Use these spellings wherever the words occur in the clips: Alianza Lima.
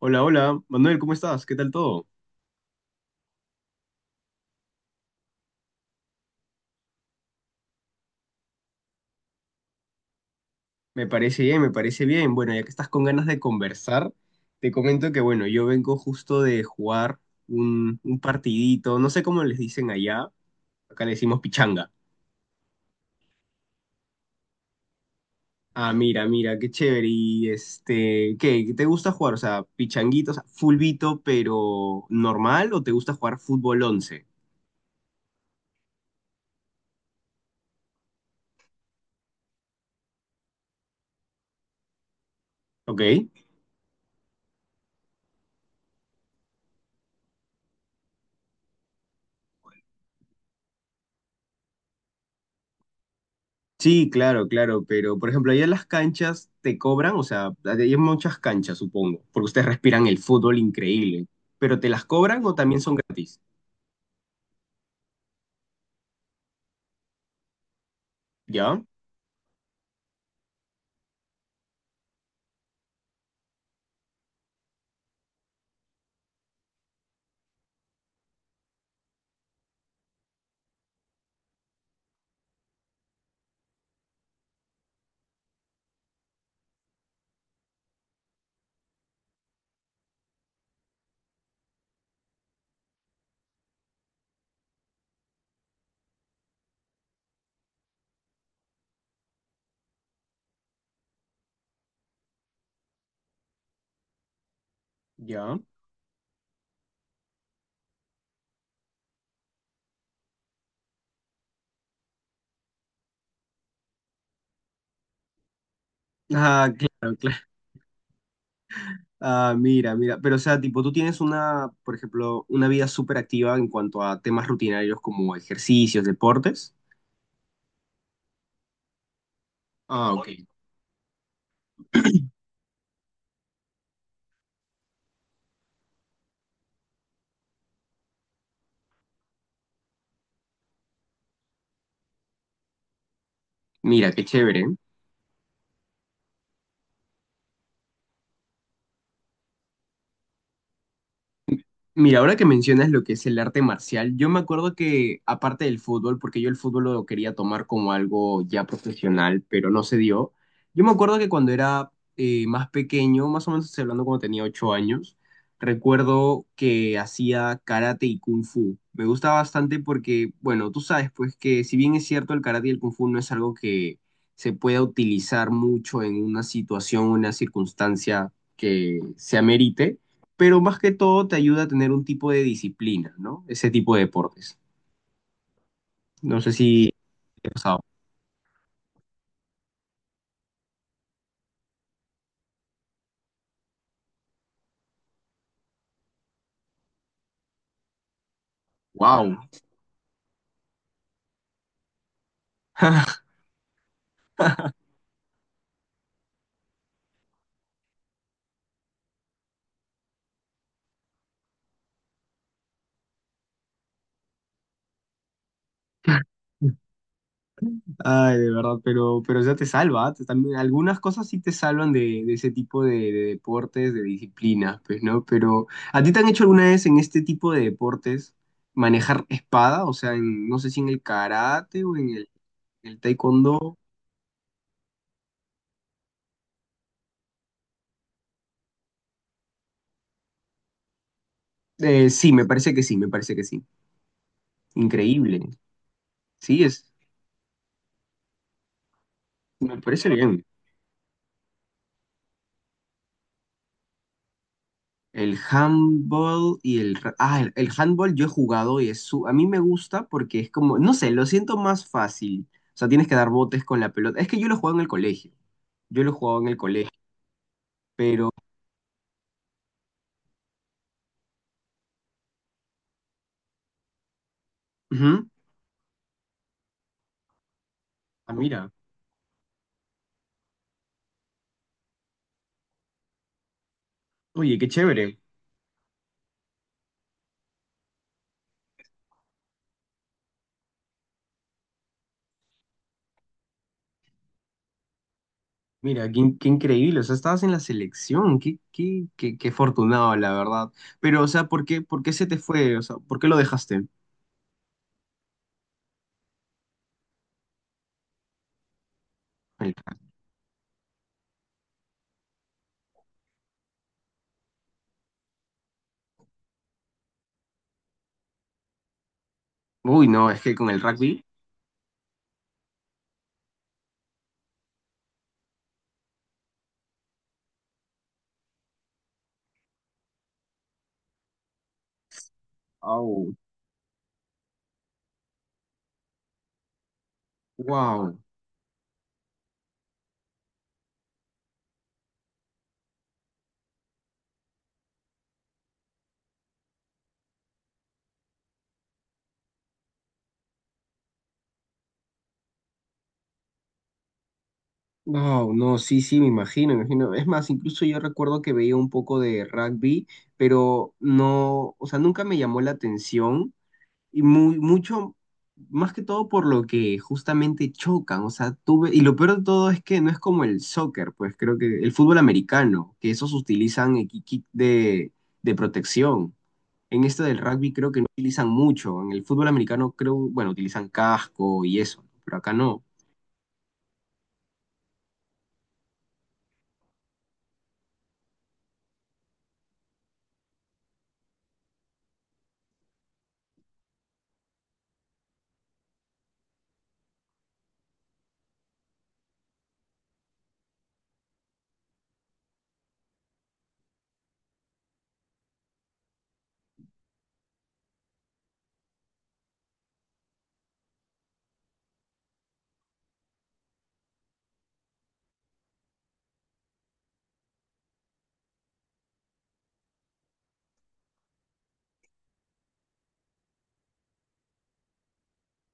Hola, hola, Manuel, ¿cómo estás? ¿Qué tal todo? Me parece bien, me parece bien. Bueno, ya que estás con ganas de conversar, te comento que, bueno, yo vengo justo de jugar un partidito, no sé cómo les dicen allá, acá le decimos pichanga. Ah, mira, mira, qué chévere. Y este, ¿qué? ¿Te gusta jugar? O sea, pichanguitos, fulbito, pero normal, ¿o te gusta jugar fútbol 11? ¿Ok? Sí, claro, claro, pero por ejemplo, allá en las canchas te cobran, o sea, hay muchas canchas, supongo, porque ustedes respiran el fútbol increíble, pero ¿te las cobran o también son gratis? ¿Ya? ¿Ya? Ah, claro, claro. Ah, mira, mira, pero o sea, tipo, tú tienes una, por ejemplo, una vida súper activa en cuanto a temas rutinarios como ejercicios, deportes. Ah, ok. Mira, qué chévere. Mira, ahora que mencionas lo que es el arte marcial, yo me acuerdo que aparte del fútbol, porque yo el fútbol lo quería tomar como algo ya profesional, pero no se dio. Yo me acuerdo que cuando era más pequeño, más o menos estoy hablando cuando tenía 8 años, recuerdo que hacía karate y kung fu. Me gusta bastante porque, bueno, tú sabes, pues que si bien es cierto, el karate y el kung fu no es algo que se pueda utilizar mucho en una situación, una circunstancia que se amerite, pero más que todo te ayuda a tener un tipo de disciplina, ¿no? Ese tipo de deportes. No sé si he pasado. ¡Wow! Ay, de verdad, pero ya te salva, ¿ah? Te- también, algunas cosas sí te salvan de ese tipo de deportes, de disciplinas, pues, ¿no? Pero, ¿a ti te han hecho alguna vez en este tipo de deportes manejar espada? O sea, en- no sé si en el karate o en el taekwondo. Sí, me parece que sí, me parece que sí. Increíble. Sí, es, me parece bien. El handball y el... ra- Ah, el handball yo he jugado y es su... A mí me gusta porque es como, no sé, lo siento más fácil. O sea, tienes que dar botes con la pelota. Es que yo lo jugaba en el colegio. Yo lo jugaba en el colegio, pero... Ujú. Ah, mira. Oye, qué chévere. Mira, qué, in- qué increíble. O sea, estabas en la selección. Qué, qué, qué, qué afortunado, la verdad. Pero, o sea, por qué se te fue? O sea, ¿por qué lo dejaste? El- uy, no, es que con el rugby. Wow. No, no, sí, sí, me imagino, me imagino. Es más, incluso yo recuerdo que veía un poco de rugby, pero no, o sea, nunca me llamó la atención y muy, mucho, más que todo por lo que justamente chocan, o sea, tuve, y lo peor de todo es que no es como el soccer, pues creo que el fútbol americano, que esos utilizan el kit de protección. En este del rugby creo que no utilizan mucho, en el fútbol americano creo, bueno, utilizan casco y eso, pero acá no.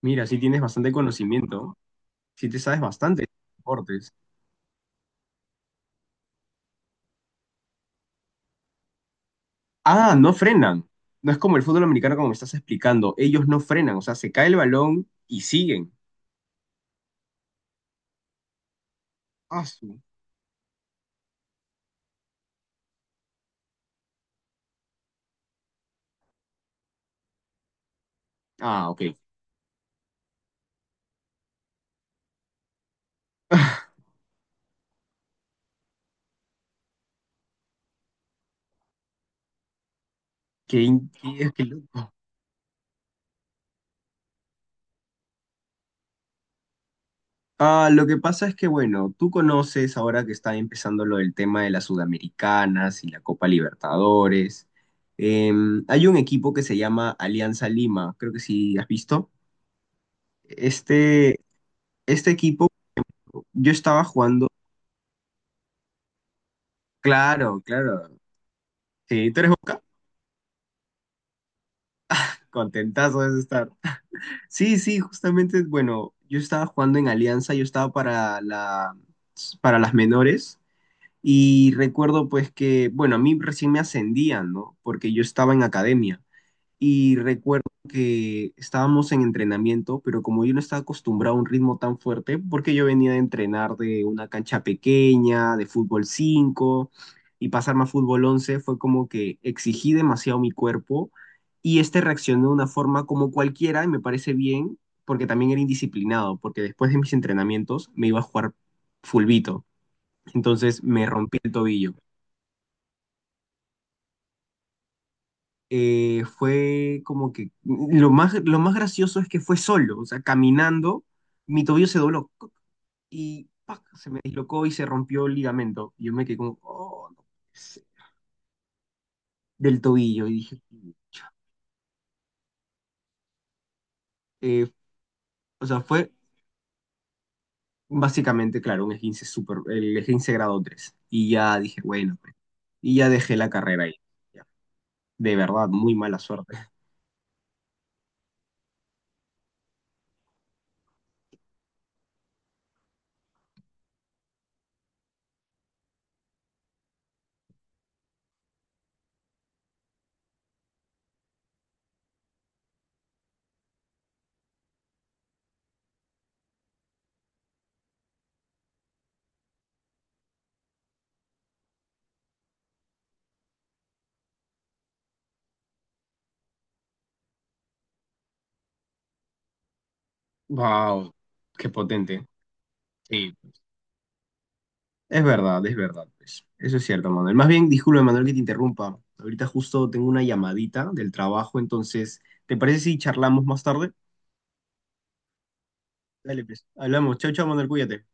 Mira, sí tienes bastante conocimiento. Si te sabes bastante de deportes. Ah, no frenan. No es como el fútbol americano como me estás explicando. Ellos no frenan, o sea, se cae el balón y siguen. Ah, su- ah, ok. Qué, in- qué- qué loco. Ah, lo que pasa es que, bueno, tú conoces ahora que está empezando lo del tema de las Sudamericanas y la Copa Libertadores. Em, hay un equipo que se llama Alianza Lima, creo que sí has visto. Este, este equipo, yo estaba jugando. Claro, claro. Sí, ¿tú eres Boca? Contentazo de estar. Sí, sí, justamente, bueno, yo estaba jugando en Alianza, yo estaba para la, para las menores y recuerdo pues que, bueno, a mí recién me ascendían, ¿no? Porque yo estaba en academia. Y recuerdo que estábamos en entrenamiento, pero como yo no estaba acostumbrado a un ritmo tan fuerte, porque yo venía de entrenar de una cancha pequeña, de fútbol 5 y pasarme a fútbol 11 fue como que exigí demasiado mi cuerpo y este reaccionó de una forma como cualquiera, y me parece bien, porque también era indisciplinado, porque después de mis entrenamientos me iba a jugar fulbito, entonces me rompí el tobillo. Fue como que lo más gracioso es que fue solo, o sea, caminando, mi tobillo se dobló ¡cuc! Y ¡pac! Se me dislocó y se rompió el ligamento. Y yo me quedé como, "Oh, no puede ser", del tobillo. Y dije, eh, o sea, fue básicamente, claro, un esguince super, el esguince grado 3. Y ya dije, bueno, pues, y ya dejé la carrera ahí. Ya. De verdad, muy mala suerte. Wow, qué potente. Sí. Es verdad, pues. Eso es cierto, Manuel. Más bien, disculpe, Manuel, que te interrumpa. Ahorita justo tengo una llamadita del trabajo, entonces, ¿te parece si charlamos más tarde? Dale, pues. Hablamos. Chao, chao, Manuel, cuídate.